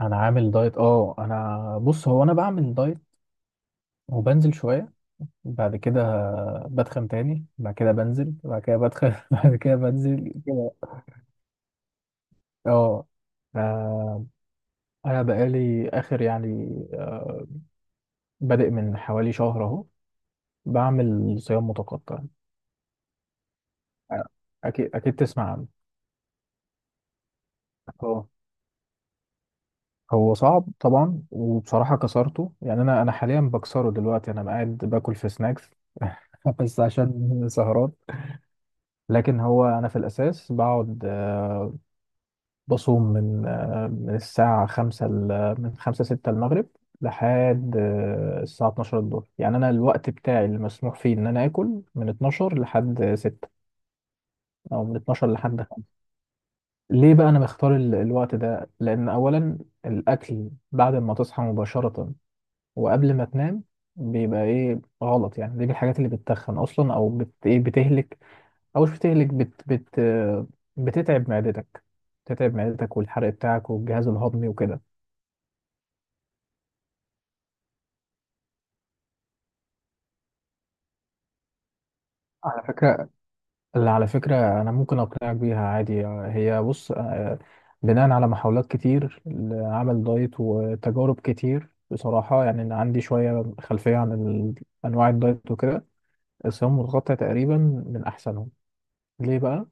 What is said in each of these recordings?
انا عامل دايت اه انا بص هو انا بعمل دايت وبنزل شويه بعد كده، بتخن تاني بعد كده، بنزل بعد كده بتخن بعد كده بنزل كده. اه آه، انا بقالي اخر بادئ من حوالي شهر اهو بعمل صيام متقطع. آه، اكيد اكيد تسمع عنه. اه، هو صعب طبعا، وبصراحه كسرته، يعني انا حاليا بكسره، دلوقتي انا قاعد باكل في سناكس بس عشان سهرات. لكن هو انا في الاساس بقعد، بصوم من من الساعة خمسة من خمسة ستة المغرب لحد الساعة 12 الظهر. يعني أنا الوقت بتاعي اللي مسموح فيه إن أنا آكل من 12 لحد ستة، أو من 12 لحد خمسة. ليه بقى أنا بختار الوقت ده؟ لأن أولا، الأكل بعد ما تصحى مباشرة وقبل ما تنام بيبقى إيه غلط، يعني دي من الحاجات اللي بتتخن أصلا، أو بت إيه بتهلك، أو مش بتهلك، بت بت آه، بتتعب معدتك. بتتعب معدتك والحرق بتاعك والجهاز الهضمي وكده. على فكرة، أنا ممكن أقنعك بيها عادي. هي بص، بناء على محاولات كتير لعمل دايت وتجارب كتير بصراحة، يعني أنا عندي شوية خلفية عن أنواع الدايت وكده. الصيام المتقطع تقريبا من أحسنهم. ليه بقى؟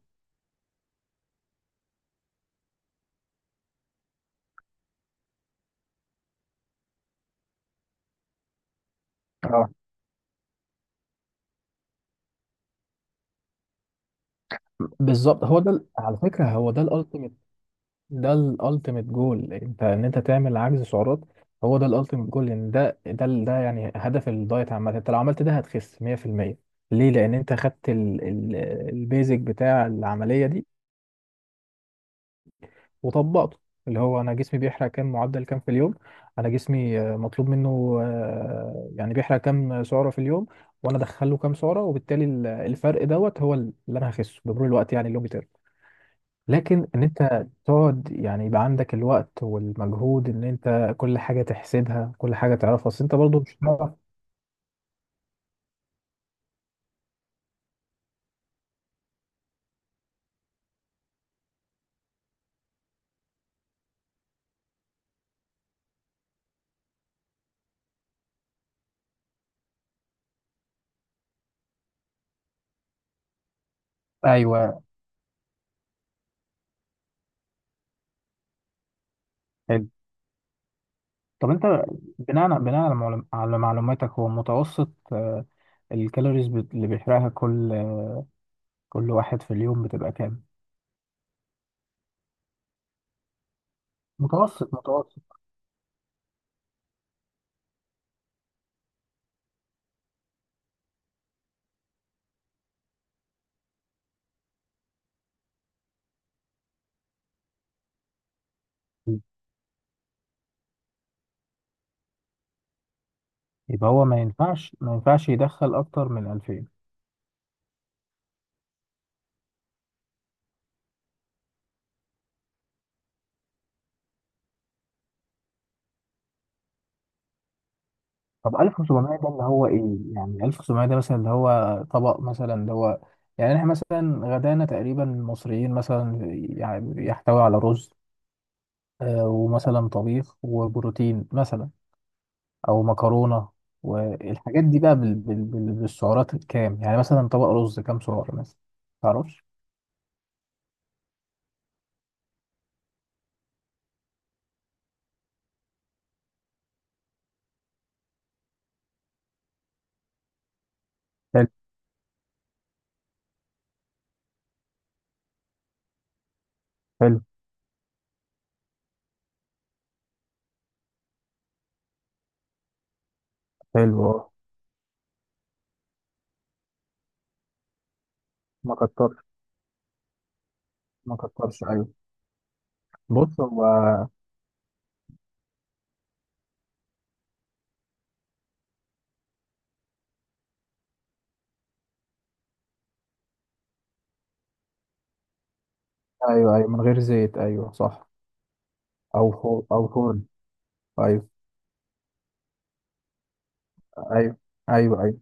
اه، بالظبط، هو ده ال ultimate. ده الالتيميت جول، انت ان انت تعمل عجز سعرات. هو ده الالتيميت جول، لان ده ده ده يعني هدف الدايت عامه، انت لو عملت ده هتخس 100%. ليه؟ لان انت خدت البيزك بتاع العمليه دي وطبقته. اللي هو انا جسمي بيحرق كام، معدل كام في اليوم. انا جسمي، مطلوب منه يعني بيحرق كام سعره في اليوم، وانا ادخله كام سعره، وبالتالي الفرق دوت هو اللي انا هخسه بمرور الوقت. يعني اللي هو، لكن ان انت تقعد يعني، يبقى عندك الوقت والمجهود ان انت كل حاجه تحسبها، كل حاجه تعرفها، اصل انت برضو مش هتعرف. ايوه، حلو. طب انت، على معلوماتك، هو متوسط الكالوريز اللي بيحرقها كل واحد في اليوم بتبقى كام؟ متوسط، متوسط. يبقى هو ما ينفعش، ما ينفعش يدخل اكتر من 2000. طب 1700 ده اللي هو ايه؟ يعني 1700 ده مثلا اللي هو طبق مثلا اللي هو، يعني احنا مثلا غدانا تقريبا المصريين مثلا، يعني يحتوي على رز، ومثلا طبيخ وبروتين مثلا، او مكرونة، والحاجات دي بقى بالسعرات الكام، يعني مثلا طبق رز كام سعر مثلا؟ متعرفش. حلو، حلو، حلو. اه. ما كترش. ما كترش، ايوه. بص هو، ايوه ايوه، من غير زيت، ايوه صح. او فرن. ايوه ايوه. ايوه ايوه.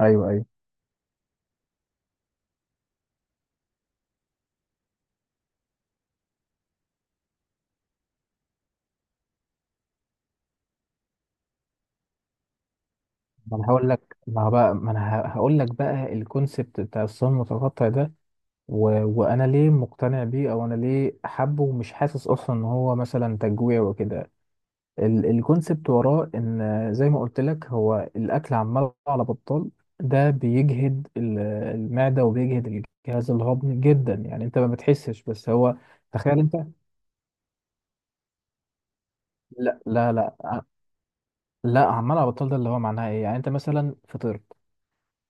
ايوه ايوه. ما انا هقول لك بقى الكونسبت بتاع الصين المتقطع ده، و... وانا ليه مقتنع بيه، او انا ليه حابه ومش حاسس اصلا ان هو مثلا تجويع وكده. الكونسبت وراه ان، زي ما قلت لك، هو الاكل عمال على بطال. ده بيجهد المعده، وبيجهد الجهاز الهضمي جدا، يعني انت ما بتحسش بس هو. تخيل انت. لا لا لا، لا، عمال على بطال ده اللي هو معناه ايه؟ يعني انت مثلا فطرت،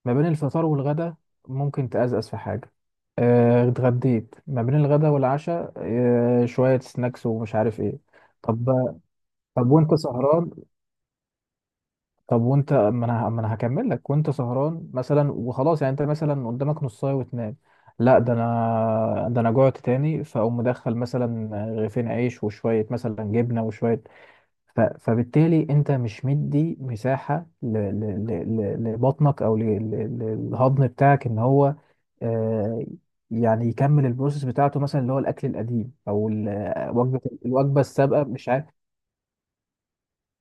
ما بين الفطار والغدا ممكن تأزأز في حاجة، اتغديت، ما بين الغدا والعشاء شوية سناكس ومش عارف ايه. طب، طب وانت سهران، طب وانت ما انا ما انا هكمل لك، وانت سهران مثلا، وخلاص، يعني انت مثلا قدامك نصاية وتنام، لا، ده انا جوعت تاني، فاقوم مدخل مثلا رغيفين عيش وشوية مثلا جبنة وشوية. فبالتالي انت مش مدي مساحة لبطنك، او للهضم بتاعك، ان هو آه، يعني يكمل البروسيس بتاعته مثلا، اللي هو الاكل القديم او ال- وجبة الوجبة السابقة مش عارف.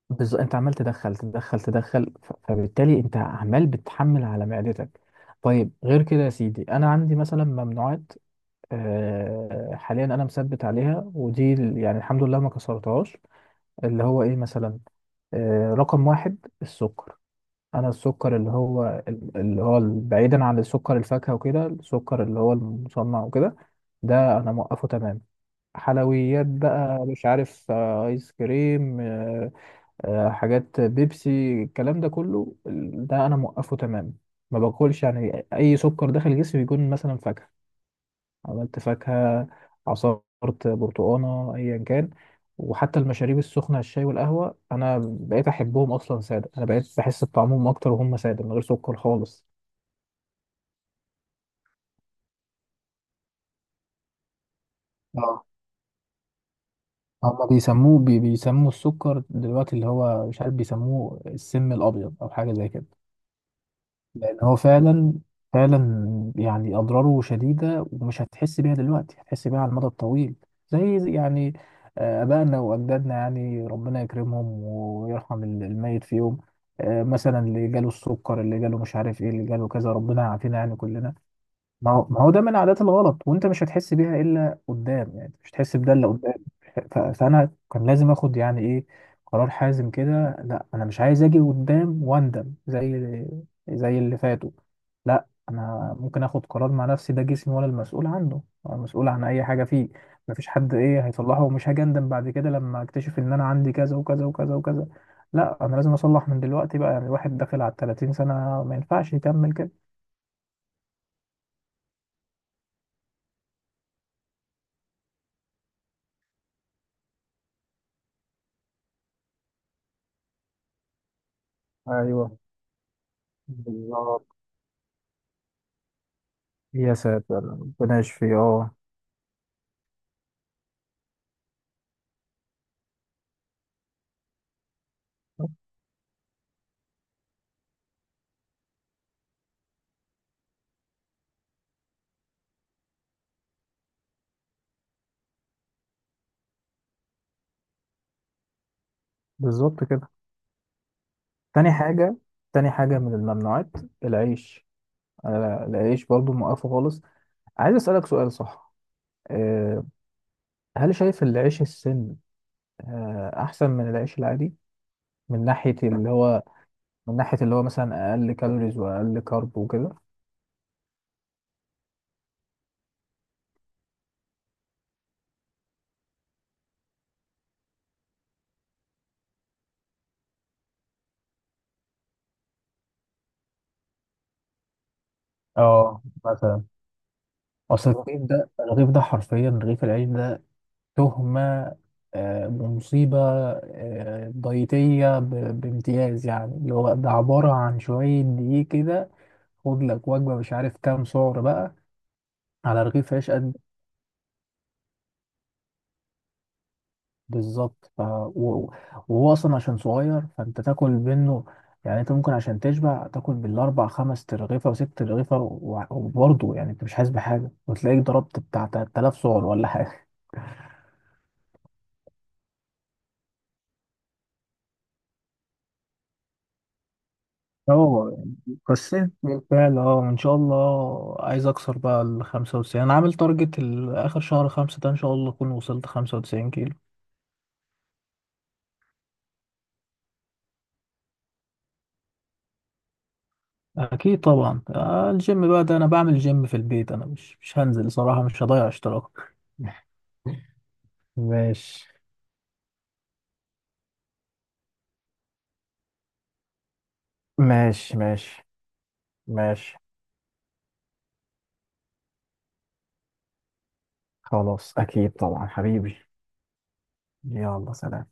انت عمال تدخل تدخل تدخل، فبالتالي انت عمال بتحمل على معدتك. طيب، غير كده يا سيدي، انا عندي مثلا ممنوعات حاليا انا مثبت عليها، ودي يعني الحمد لله ما كسرتهاش. اللي هو ايه مثلا؟ رقم واحد السكر. انا السكر اللي هو، اللي هو بعيدا عن السكر الفاكهه وكده، السكر اللي هو المصنع وكده، ده انا موقفه تمام. حلويات بقى، مش عارف، ايس كريم، حاجات بيبسي، الكلام ده كله، ده انا موقفه تمام. ما باكلش، يعني اي سكر داخل جسمي بيكون مثلا فاكهه، عملت فاكهة، عصرت برتقانة، أيا كان. وحتى المشاريب السخنة الشاي والقهوة، أنا بقيت أحبهم أصلا سادة، أنا بقيت بحس بطعمهم أكتر وهم سادة من غير سكر خالص. اه، هما بيسموه بي بيسموا السكر دلوقتي اللي هو، مش عارف، بيسموه السم الأبيض أو حاجة زي كده. لان هو فعلا، فعلا يعني اضراره شديده، ومش هتحس بيها دلوقتي، هتحس بيها على المدى الطويل. يعني ابائنا واجدادنا، يعني ربنا يكرمهم ويرحم الميت فيهم، مثلا اللي جاله السكر، اللي جاله مش عارف ايه، اللي جاله كذا، ربنا يعافينا يعني كلنا. ما هو ده من عادات الغلط، وانت مش هتحس بيها الا قدام، يعني مش هتحس بده الا قدام. فانا كان لازم اخد، يعني ايه، قرار حازم كده. لا انا مش عايز اجي قدام واندم زي اللي فاتوا. لا، انا ممكن اخد قرار مع نفسي، ده جسمي وانا المسؤول عنه، انا مسؤول عن اي حاجه فيه. مفيش حد ايه هيصلحه، ومش هاجي اندم بعد كده لما اكتشف ان انا عندي كذا وكذا وكذا وكذا. لا، انا لازم اصلح من دلوقتي بقى، يعني الواحد داخل على 30 سنه ما ينفعش يكمل كده. ايوه، بالظبط. يا ساتر، ربنا يشفيه. اه، بالظبط كده. تاني حاجة، تاني حاجة من الممنوعات، العيش. العيش برضو موقفه خالص. عايز أسألك سؤال، صح آه، هل شايف العيش السن أحسن من العيش العادي، من ناحية اللي هو، من ناحية اللي هو مثلا أقل كالوريز وأقل كارب وكده؟ اه، مثلا. اصل الرغيف ده، الرغيف ده حرفيا رغيف العيش ده تهمة، بمصيبة ضيتية بامتياز، يعني اللي هو ده عبارة عن شوية دقيق كده. خد لك وجبة مش عارف كام سعر بقى على رغيف عيش قد. بالظبط. وهو أصلا عشان صغير فأنت تاكل منه، يعني أنت ممكن عشان تشبع تاكل بالأربع خمس ترغيفة وست ترغيفة، وبرضه يعني أنت مش حاسس بحاجة وتلاقيك ضربت بتاع 3000 سعر ولا حاجة. اه، كسرت بالفعل، اه ان شاء الله عايز اكسر بقى ال 95. انا عامل تارجت اخر شهر خمسة ده ان شاء الله اكون وصلت 95 كيلو. اكيد طبعا. الجيم بقى ده انا بعمل جيم في البيت، انا مش هنزل صراحة، مش هضيع اشتراك ماشي، ماشي. ماشي، ماشي. خلاص، أكيد طبعا حبيبي. يلا سلام.